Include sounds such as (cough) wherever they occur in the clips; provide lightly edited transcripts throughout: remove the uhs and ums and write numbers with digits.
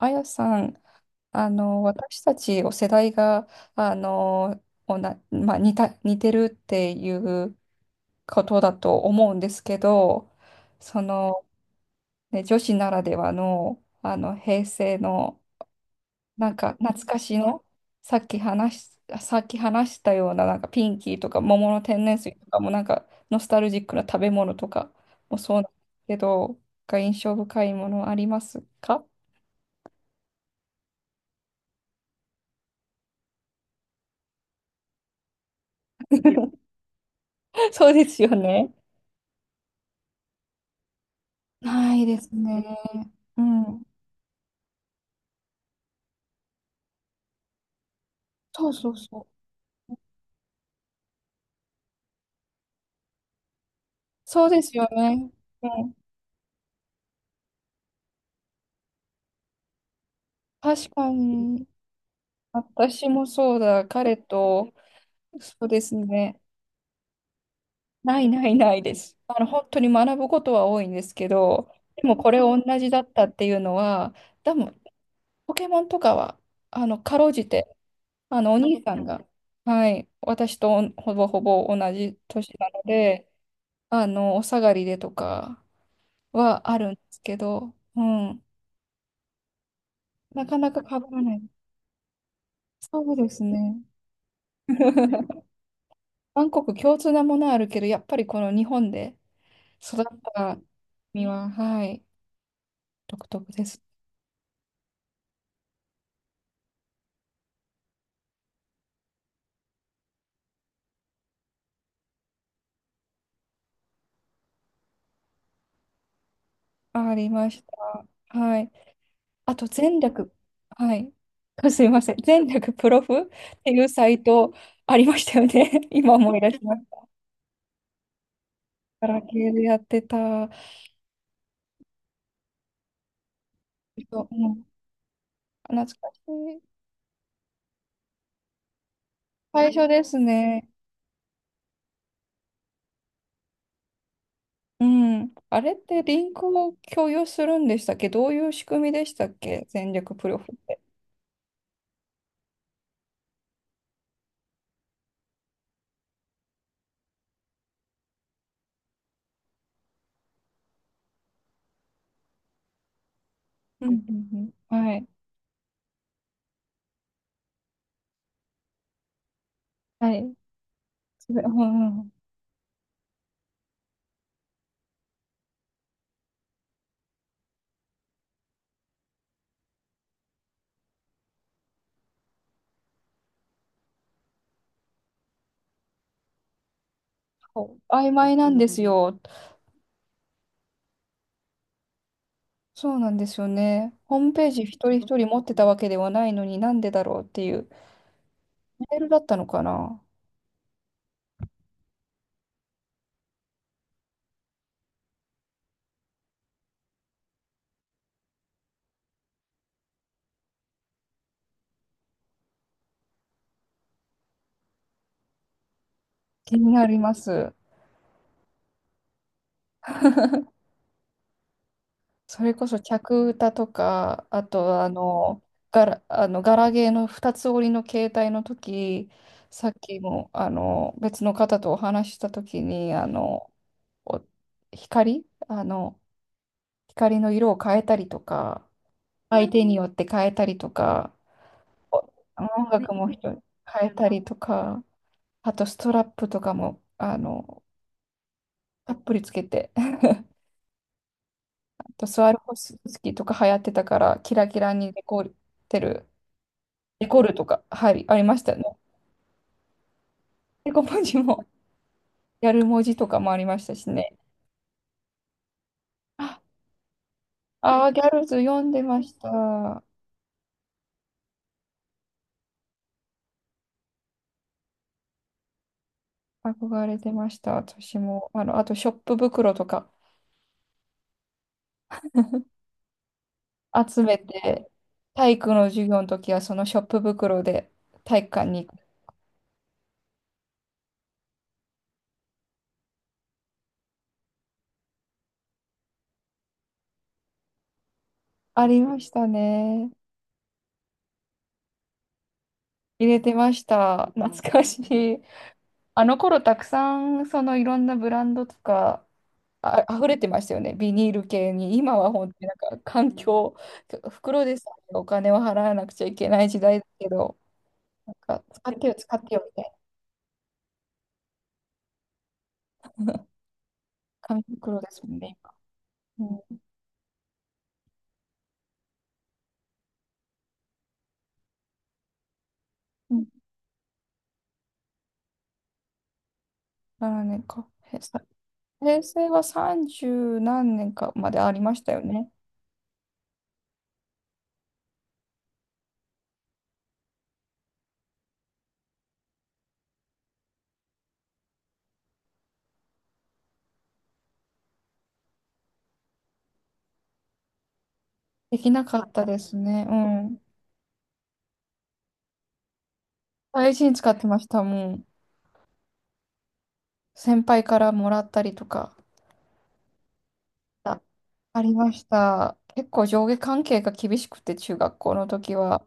あやさん、私たちお世代が、あの、おな、まあ、似た、似てるっていうことだと思うんですけど、その、ね、女子ならではの、平成の、なんか懐かしの、さっき話し、さっき話したような、なんかピンキーとか桃の天然水とかも、なんかノスタルジックな食べ物とかもそうなんですけど、が印象深いものありますか？ (laughs) そうですよね。ないですね。うん。そうそうそう。そうですよね。うん。確かに、私もそうだ。彼と、そうですね。ないないないです。本当に学ぶことは多いんですけど、でもこれ同じだったっていうのは、多分、ポケモンとかは、かろうじて、お兄さんが、はい、私とほぼほぼ同じ年なので、お下がりでとかはあるんですけど、うん。なかなか被らない。そうですね。(laughs) 韓国共通なものはあるけど、やっぱりこの日本で育った身は、はい、独特です。ありました。はい。あと、全略、はい。(laughs) あ、すいません。全略プロフっていうサイトありましたよね。(laughs) 今思い出します。ガラケーでやってた。そう、うん、懐かしい。最初ですね。うん。あれってリンクを共有するんでしたっけ？どういう仕組みでしたっけ、戦略プロフって？うんうんうん。はい。はい。それ、うんうん。そう、曖昧なんですよ。そうなんですよね。ホームページ一人一人持ってたわけではないのになんでだろうっていう。メールだったのかな。気になります。(laughs) それこそ客歌とか、あとガラゲーの二つ折りの携帯の時、さっきも別の方とお話しした時に、あの、お光、あの、光の色を変えたりとか、相手によって変えたりとか、お音楽も人に変えたりとか、あとストラップとかも、たっぷりつけて、あとスワロフスキーとか流行ってたから、キラキラにデコってる。デコるとか、はい、ありましたね。デコ文字も、(laughs) ギャル文字とかもありましたしね。ああー、ギャルズ読んでました。憧れてました、私も。あと、ショップ袋とか集めて、体育の授業の時は、そのショップ袋で体育館に行く。ありましたね。入れてました。懐かしい。あの頃、たくさん、そのいろんなブランドとか、あ、溢れてましたよね、ビニール系に。今は本当になんか環境、袋でさえお金を払わなくちゃいけない時代だけど、なんか使ってよ、使ってよみたいな。紙袋ですもんね、今。うん。う年か。へさ平成は30何年かまでありましたよね。できなかったですね。うん。大事に使ってました、もう。先輩からもらったりとか。あ、ありました。結構上下関係が厳しくて、中学校の時は。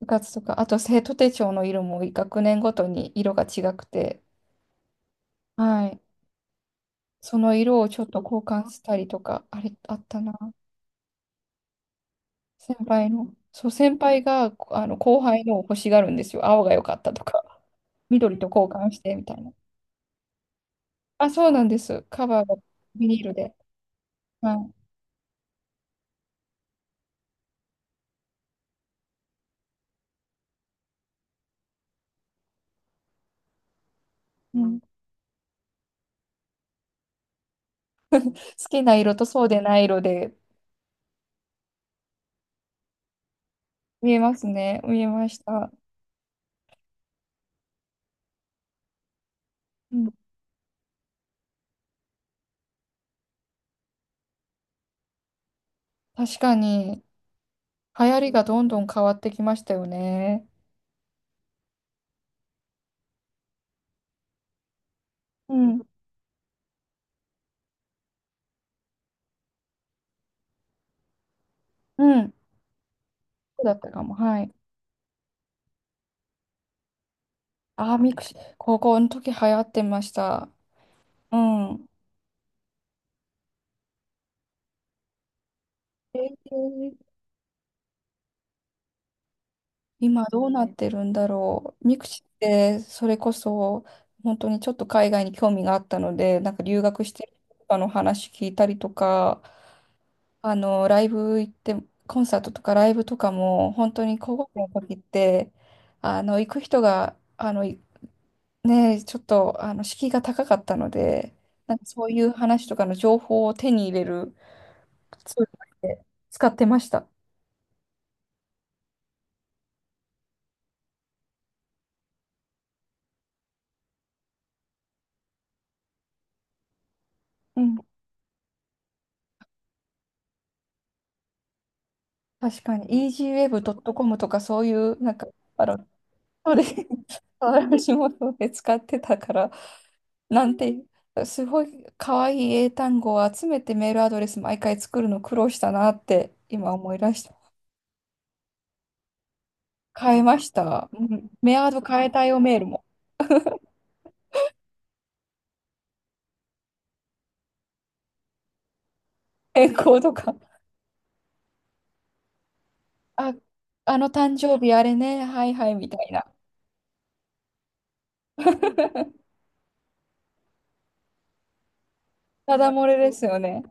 部活とか、あと生徒手帳の色も学年ごとに色が違くて、はい。その色をちょっと交換したりとか、あれ、あったな。先輩の。そう、先輩がこあの後輩のを欲しがるんですよ。青が良かったとか、緑と交換してみたいな。あ、そうなんです。カバーがビニールで。はい。うん、好きな色とそうでない色で見えますね。見えました。うん、確かに、流行りがどんどん変わってきましたよね。うん。うん。そうだったかも。はい。あー、ミクシィ、高校の時流行ってました。うん。えー今どうなってるんだろう。ミクシィってそれこそ本当にちょっと海外に興味があったので、なんか留学してる人とかの話聞いたりとか、ライブ行って、コンサートとかライブとかも本当に高校生の時って、行く人が、いねえ、ちょっと敷居が高かったので、なんかそういう話とかの情報を手に入れるツールとして使ってました。うん。確かに、easyweb.com とかそういう、なんか、あの、そうです。(laughs) 私もそうで使ってたから、なんて、すごい可愛い英単語を集めてメールアドレス毎回作るの苦労したなって今思い出した。変えました。うん、メアド変えたよ、メールも。変更とか。あ、あの誕生日あれね、はいはいみたいな。(laughs) ただ漏れですよね。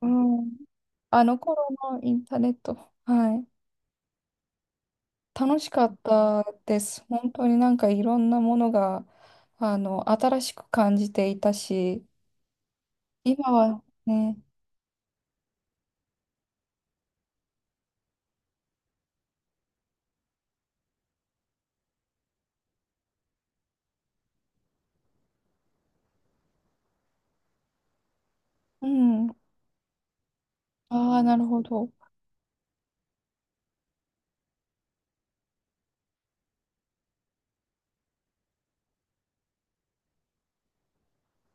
うん。あの頃のインターネット。はい。楽しかったです。本当になんかいろんなものが、新しく感じていたし、今はね、うん、ああ、なるほど。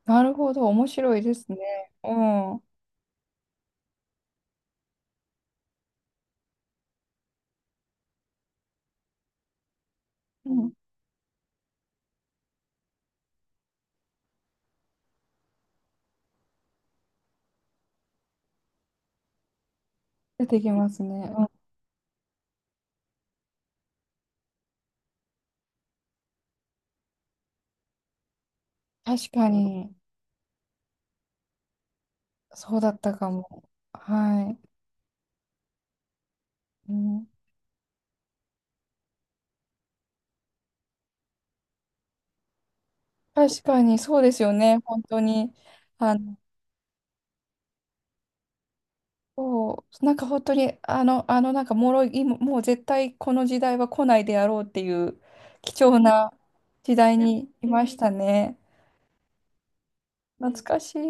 なるほど、面白いですね。うん、うん、出てきますね。うん、確かに、そうだったかも。はい。うん、確かに、そうですよね。本当に、あの、そう、なんか本当に、なんか脆い、ももう絶対この時代は来ないであろうっていう貴重な時代にいましたね。懐かしい。